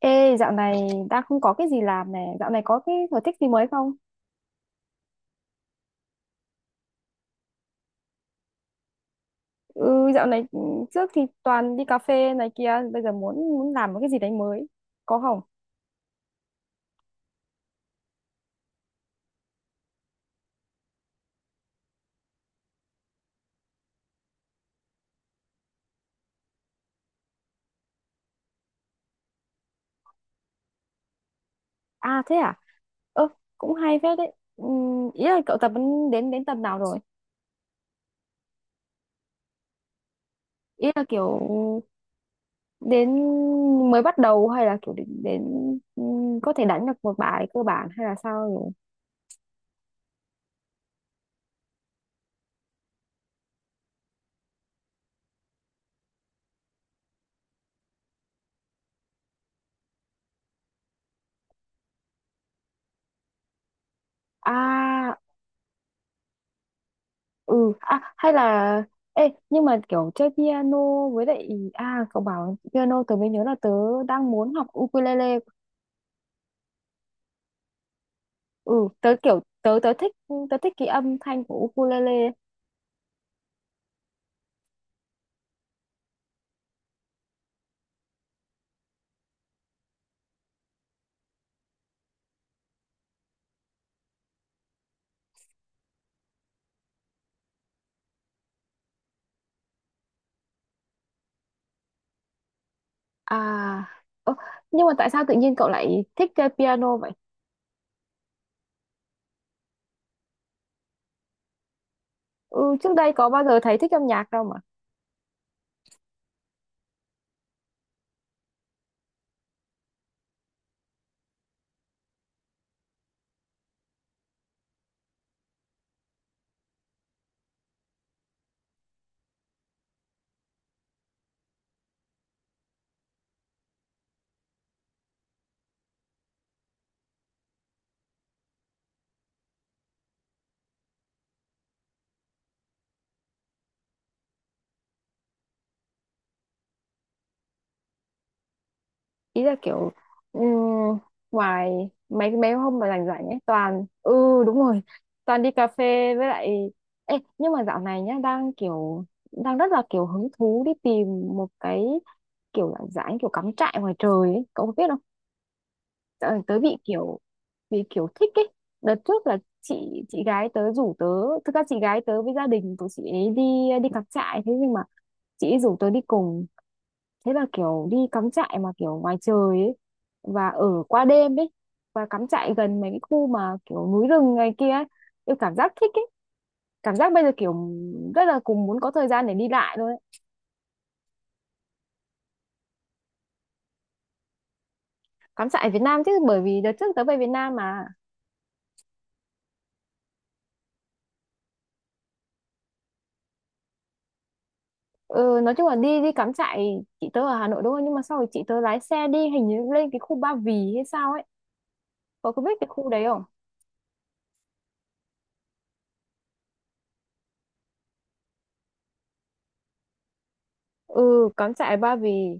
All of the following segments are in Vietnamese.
Ê, dạo này đang không có cái gì làm này, dạo này có cái sở thích gì mới không? Ừ, dạo này trước thì toàn đi cà phê này kia, bây giờ muốn muốn làm một cái gì đấy mới, có không? À thế à? Ơ, cũng hay phết đấy. Ý là cậu tập đến đến đến tầm nào rồi? Ý là kiểu đến mới bắt đầu hay là kiểu đến có thể đánh được một bài cơ bản hay là sao rồi? À, ừ à hay là ê nhưng mà kiểu chơi piano với lại, à cậu bảo piano tớ mới nhớ là tớ đang muốn học ukulele. Ừ, tớ kiểu tớ tớ thích cái âm thanh của ukulele. À, ơ, nhưng mà tại sao tự nhiên cậu lại thích chơi piano vậy? Ừ, trước đây có bao giờ thấy thích âm nhạc đâu. Ý là kiểu ừm, ngoài mấy mấy hôm mà rảnh rảnh ấy toàn ừ. Đúng rồi, toàn đi cà phê với lại. Ê, nhưng mà dạo này nhá đang rất là kiểu hứng thú đi tìm một cái kiểu dạng dáng kiểu cắm trại ngoài trời ấy, cậu có biết không? Ờ, tớ bị kiểu thích ấy. Đợt trước là chị gái tớ rủ tớ. Thực ra chị gái tớ với gia đình của chị ấy đi đi cắm trại, thế nhưng mà chị ấy rủ tớ đi cùng, thế là kiểu đi cắm trại mà kiểu ngoài trời ấy và ở qua đêm ấy và cắm trại gần mấy cái khu mà kiểu núi rừng này kia ấy, tôi cảm giác thích ấy. Cảm giác bây giờ kiểu rất là cùng muốn có thời gian để đi lại thôi ấy. Cắm trại ở Việt Nam chứ, bởi vì đợt trước tớ về Việt Nam mà. Ừ, nói chung là đi đi cắm trại, chị tớ ở Hà Nội đúng không, nhưng mà sau rồi chị tớ lái xe đi hình như lên cái khu Ba Vì hay sao ấy, cậu có biết cái khu đấy không? Ừ, cắm trại Ba Vì.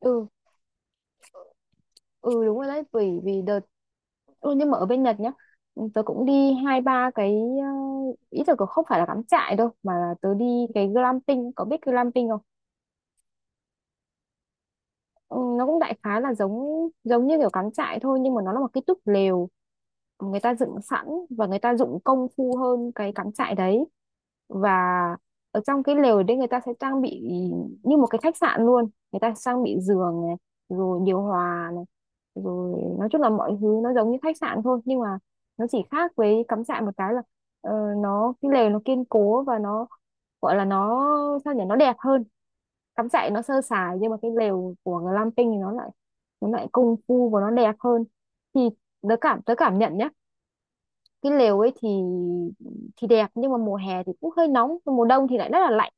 Ừ, ừ, đúng rồi đấy, vì vì đợt. Ừ, nhưng mà ở bên Nhật nhá, ừ, tớ cũng đi hai ba cái, ờ, ý tưởng không phải là cắm trại đâu mà là tớ đi cái glamping, có biết glamping không? Ừ, nó cũng đại khái là giống giống như kiểu cắm trại thôi nhưng mà nó là một cái túp lều người ta dựng sẵn và người ta dụng công phu hơn cái cắm trại đấy. Và ở trong cái lều đấy người ta sẽ trang bị như một cái khách sạn luôn, người ta trang bị giường này, rồi điều hòa này, rồi nói chung là mọi thứ nó giống như khách sạn thôi nhưng mà nó chỉ khác với cắm trại một cái là, ờ, nó cái lều nó kiên cố và nó gọi là nó sao nhỉ, nó đẹp hơn. Cắm trại nó sơ sài nhưng mà cái lều của glamping thì nó lại công phu và nó đẹp hơn. Thì tớ cảm nhận nhá, cái lều ấy thì đẹp nhưng mà mùa hè thì cũng hơi nóng còn mùa đông thì lại rất là lạnh.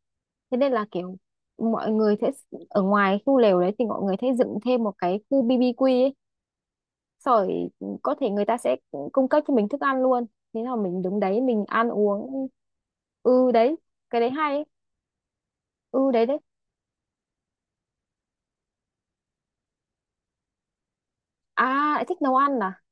Thế nên là kiểu mọi người sẽ ở ngoài khu lều đấy thì mọi người sẽ dựng thêm một cái khu BBQ ấy, rồi ừ, có thể người ta sẽ cung cấp cho mình thức ăn luôn, thế là mình đứng đấy mình ăn uống. Ừ đấy, cái đấy hay ấy. Ừ đấy đấy. À lại thích nấu ăn à?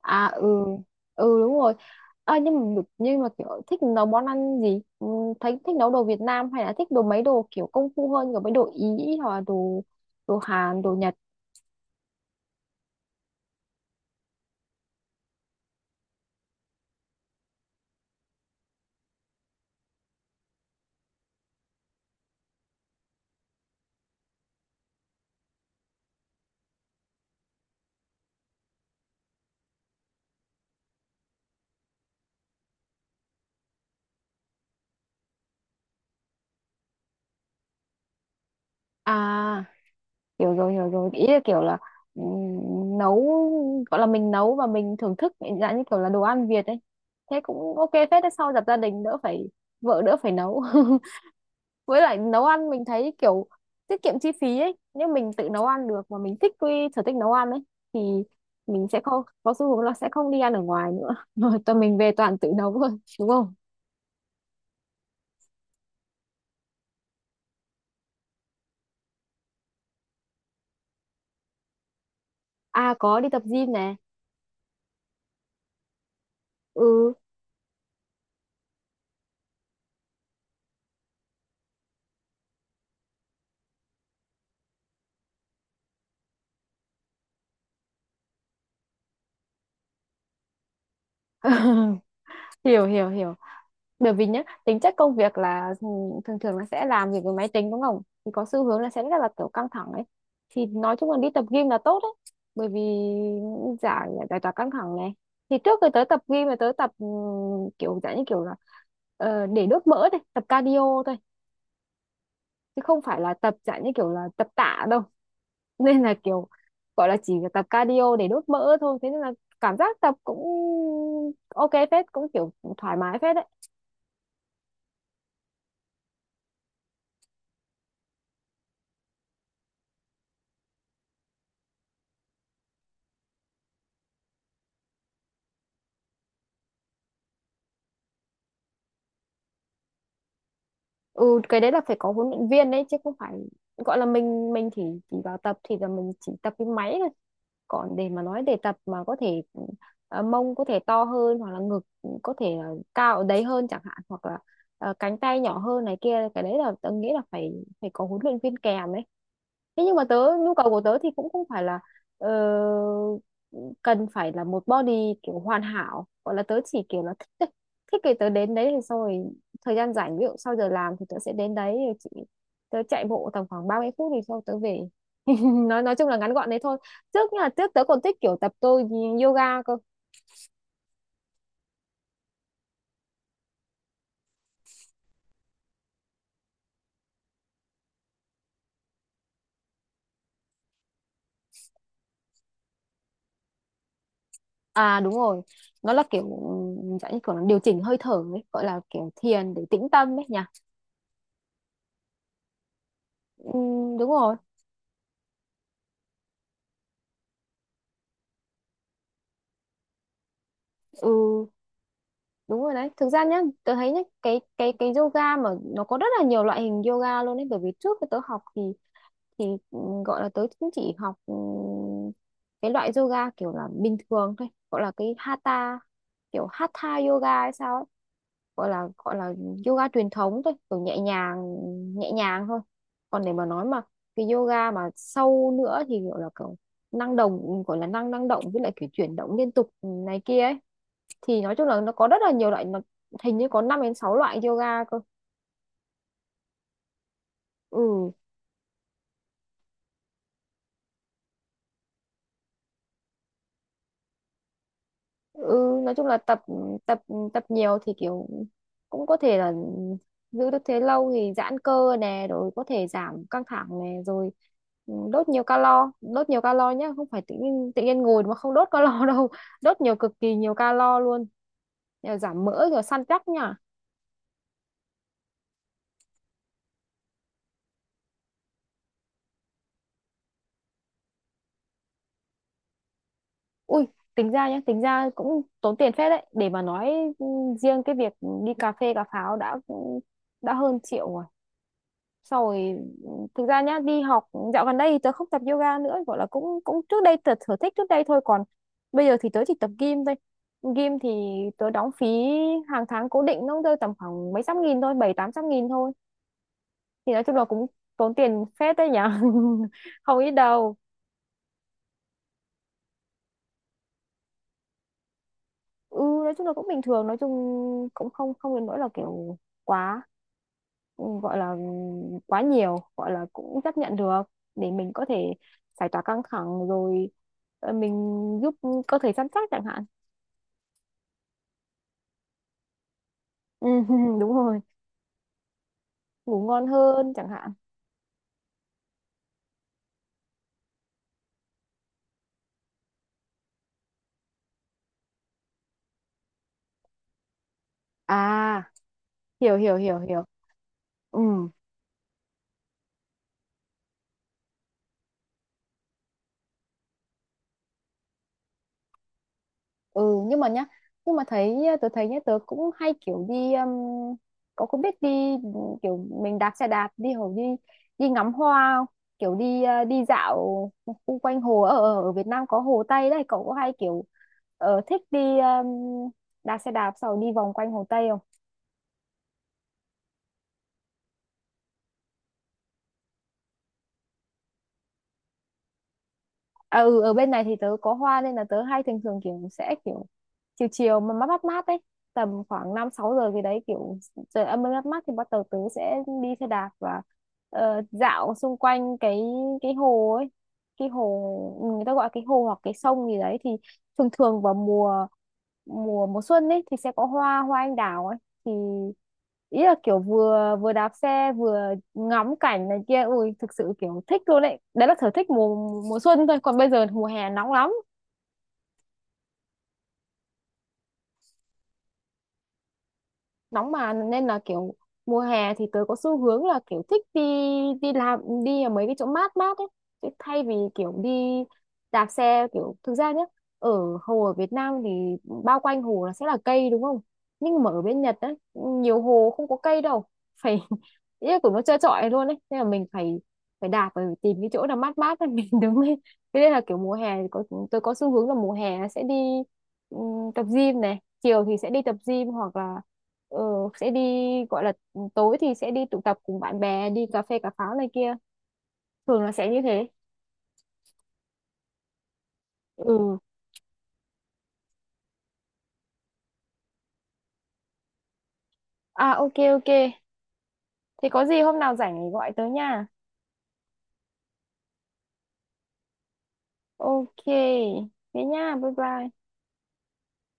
À, ừ. Ừ, đúng rồi. À, nhưng mà nhưng mà kiểu thích nấu món ăn gì, ừ, thấy thích nấu đồ Việt Nam hay là thích đồ mấy đồ kiểu công phu hơn kiểu mấy đồ Ý, hoặc là đồ đồ Hàn, đồ Nhật. À, hiểu rồi, hiểu rồi, ý là kiểu là, ừ, nấu, gọi là mình nấu và mình thưởng thức dạng như kiểu là đồ ăn Việt ấy. Thế cũng ok phết đấy, sau dập gia đình đỡ phải, vợ đỡ phải nấu. Với lại nấu ăn mình thấy kiểu tiết kiệm chi phí ấy, nếu mình tự nấu ăn được mà mình thích cái sở thích nấu ăn ấy thì mình sẽ không có xu hướng là sẽ không đi ăn ở ngoài nữa, rồi tụi mình về toàn tự nấu thôi, đúng không? À, có đi tập gym nè. Ừ. Hiểu, hiểu, hiểu. Bởi vì nhá tính chất công việc là thường thường là sẽ làm việc với máy tính đúng không, thì có xu hướng là sẽ rất là kiểu căng thẳng ấy, thì nói chung là đi tập gym là tốt đấy, bởi vì giải giải tỏa căng thẳng này. Thì trước khi tới tập gym là tới tập kiểu dạng như kiểu là, để đốt mỡ thôi, tập cardio thôi, chứ không phải là tập dạng như kiểu là tập tạ đâu. Nên là kiểu gọi là chỉ tập cardio để đốt mỡ thôi thế nên là cảm giác tập cũng ok phết, cũng kiểu thoải mái phết đấy. Ừ, cái đấy là phải có huấn luyện viên đấy chứ không phải gọi là mình chỉ vào tập thì là mình chỉ tập cái máy, còn để mà nói để tập mà có thể mông có thể to hơn hoặc là ngực có thể là cao ở đấy hơn chẳng hạn, hoặc là cánh tay nhỏ hơn này kia, cái đấy là tớ nghĩ là phải phải có huấn luyện viên kèm ấy. Thế nhưng mà tớ nhu cầu của tớ thì cũng không phải là ờ, cần phải là một body kiểu hoàn hảo, gọi là tớ chỉ kiểu là thích thôi. Thích thì tớ đến đấy thì xong rồi, thời gian rảnh ví dụ sau giờ làm thì tớ sẽ đến đấy rồi chị tớ chạy bộ tầm khoảng 30 phút thì sau tớ về. Nói chung là ngắn gọn đấy thôi. Nhưng trước tớ còn thích kiểu tập tôi yoga cơ. À đúng rồi, nó là kiểu dạng như kiểu nó điều chỉnh hơi thở ấy, gọi là kiểu thiền để tĩnh tâm ấy nhỉ. Đúng rồi. Ừ đúng rồi đấy, thực ra nhá tớ thấy nhá cái yoga mà nó có rất là nhiều loại hình yoga luôn ấy, bởi vì trước khi tớ học thì thì gọi là tớ cũng chỉ học cái loại yoga kiểu là bình thường thôi, gọi là cái hatha, kiểu hatha yoga hay sao ấy, gọi là yoga truyền thống thôi kiểu nhẹ nhàng, nhẹ nhàng thôi. Còn để mà nói mà cái yoga mà sâu nữa thì gọi là kiểu năng động, gọi là năng năng động với lại kiểu chuyển động liên tục này kia ấy, thì nói chung là nó có rất là nhiều loại, nó hình như có 5 đến 6 loại yoga cơ. Ừ. Ừ, nói chung là tập tập tập nhiều thì kiểu cũng có thể là giữ được thế lâu thì giãn cơ nè, rồi có thể giảm căng thẳng nè, rồi ừ, đốt nhiều calo, đốt nhiều calo nhá, không phải tự nhiên ngồi mà không đốt calo đâu. Đốt nhiều, cực kỳ nhiều calo luôn. Nhờ giảm mỡ rồi săn chắc nhá. Ui, tính ra nhá tính ra cũng tốn tiền phết đấy để mà nói, ừ, riêng cái việc đi cà phê cà pháo đã đã hơn triệu. Xong rồi, ừ, thực ra nhá đi học dạo gần đây thì tớ không tập yoga nữa, gọi là cũng cũng trước đây tớ sở thích trước đây thôi, còn bây giờ thì tớ chỉ tập gym thôi. Gym thì tớ đóng phí hàng tháng cố định, nó rơi tầm khoảng mấy trăm nghìn thôi, bảy tám trăm nghìn thôi, thì nói chung là cũng tốn tiền phết đấy nhở, không ít đâu. Ừ, nói chung là cũng bình thường, nói chung cũng không không đến nỗi là kiểu quá, gọi là quá nhiều, gọi là cũng chấp nhận được để mình có thể giải tỏa căng thẳng rồi, mình giúp cơ thể săn chắc chẳng hạn. Ừ, đúng rồi, ngủ ngon hơn chẳng hạn. À, hiểu, hiểu, hiểu, hiểu. Ừ, ừ, nhưng mà nhá, nhưng mà tớ thấy nhá tớ cũng hay kiểu đi có biết đi kiểu mình đạp xe đạp đi hồ đi đi ngắm hoa không? Kiểu đi đi dạo xung quanh hồ ở ở ở Việt Nam có Hồ Tây đấy, cậu có hay kiểu thích đi đạp xe đạp sau đi vòng quanh Hồ Tây không? À, ừ, ở bên này thì tớ có hoa nên là tớ hay thường thường kiểu chiều chiều mà mát mát mát đấy, tầm khoảng 5 sáu giờ gì đấy kiểu trời âm mát mát thì bắt đầu tớ sẽ đi xe đạp và dạo xung quanh cái hồ ấy, cái hồ, ừ, người ta gọi cái hồ hoặc cái sông gì đấy thì thường thường vào mùa mùa mùa xuân ấy thì sẽ có hoa hoa anh đào ấy. Thì ý là kiểu vừa vừa đạp xe vừa ngắm cảnh này kia, ui thực sự kiểu thích luôn đấy, đấy là sở thích mùa mùa xuân thôi, còn bây giờ thì mùa hè nóng lắm. Nóng mà nên là kiểu mùa hè thì tớ có xu hướng là kiểu thích đi đi làm đi ở mấy cái chỗ mát mát ấy. Chứ thay vì kiểu đi đạp xe kiểu thực ra nhá ở hồ ở Việt Nam thì bao quanh hồ là sẽ là cây đúng không, nhưng mà ở bên Nhật ấy nhiều hồ không có cây đâu, phải ý là của nó trơ trọi luôn ấy nên là mình phải phải đạp phải tìm cái chỗ nào mát mát để mình đứng. Thế nên là kiểu mùa hè thì có tôi có xu hướng là mùa hè sẽ đi tập gym này, chiều thì sẽ đi tập gym hoặc là ờ, sẽ đi gọi là tối thì sẽ đi tụ tập cùng bạn bè đi cà phê cà pháo này kia. Thường là sẽ như thế. Ừ. À ok ok. Thế có gì hôm nào rảnh thì gọi tới nha. Ok. Thế nha. Bye bye.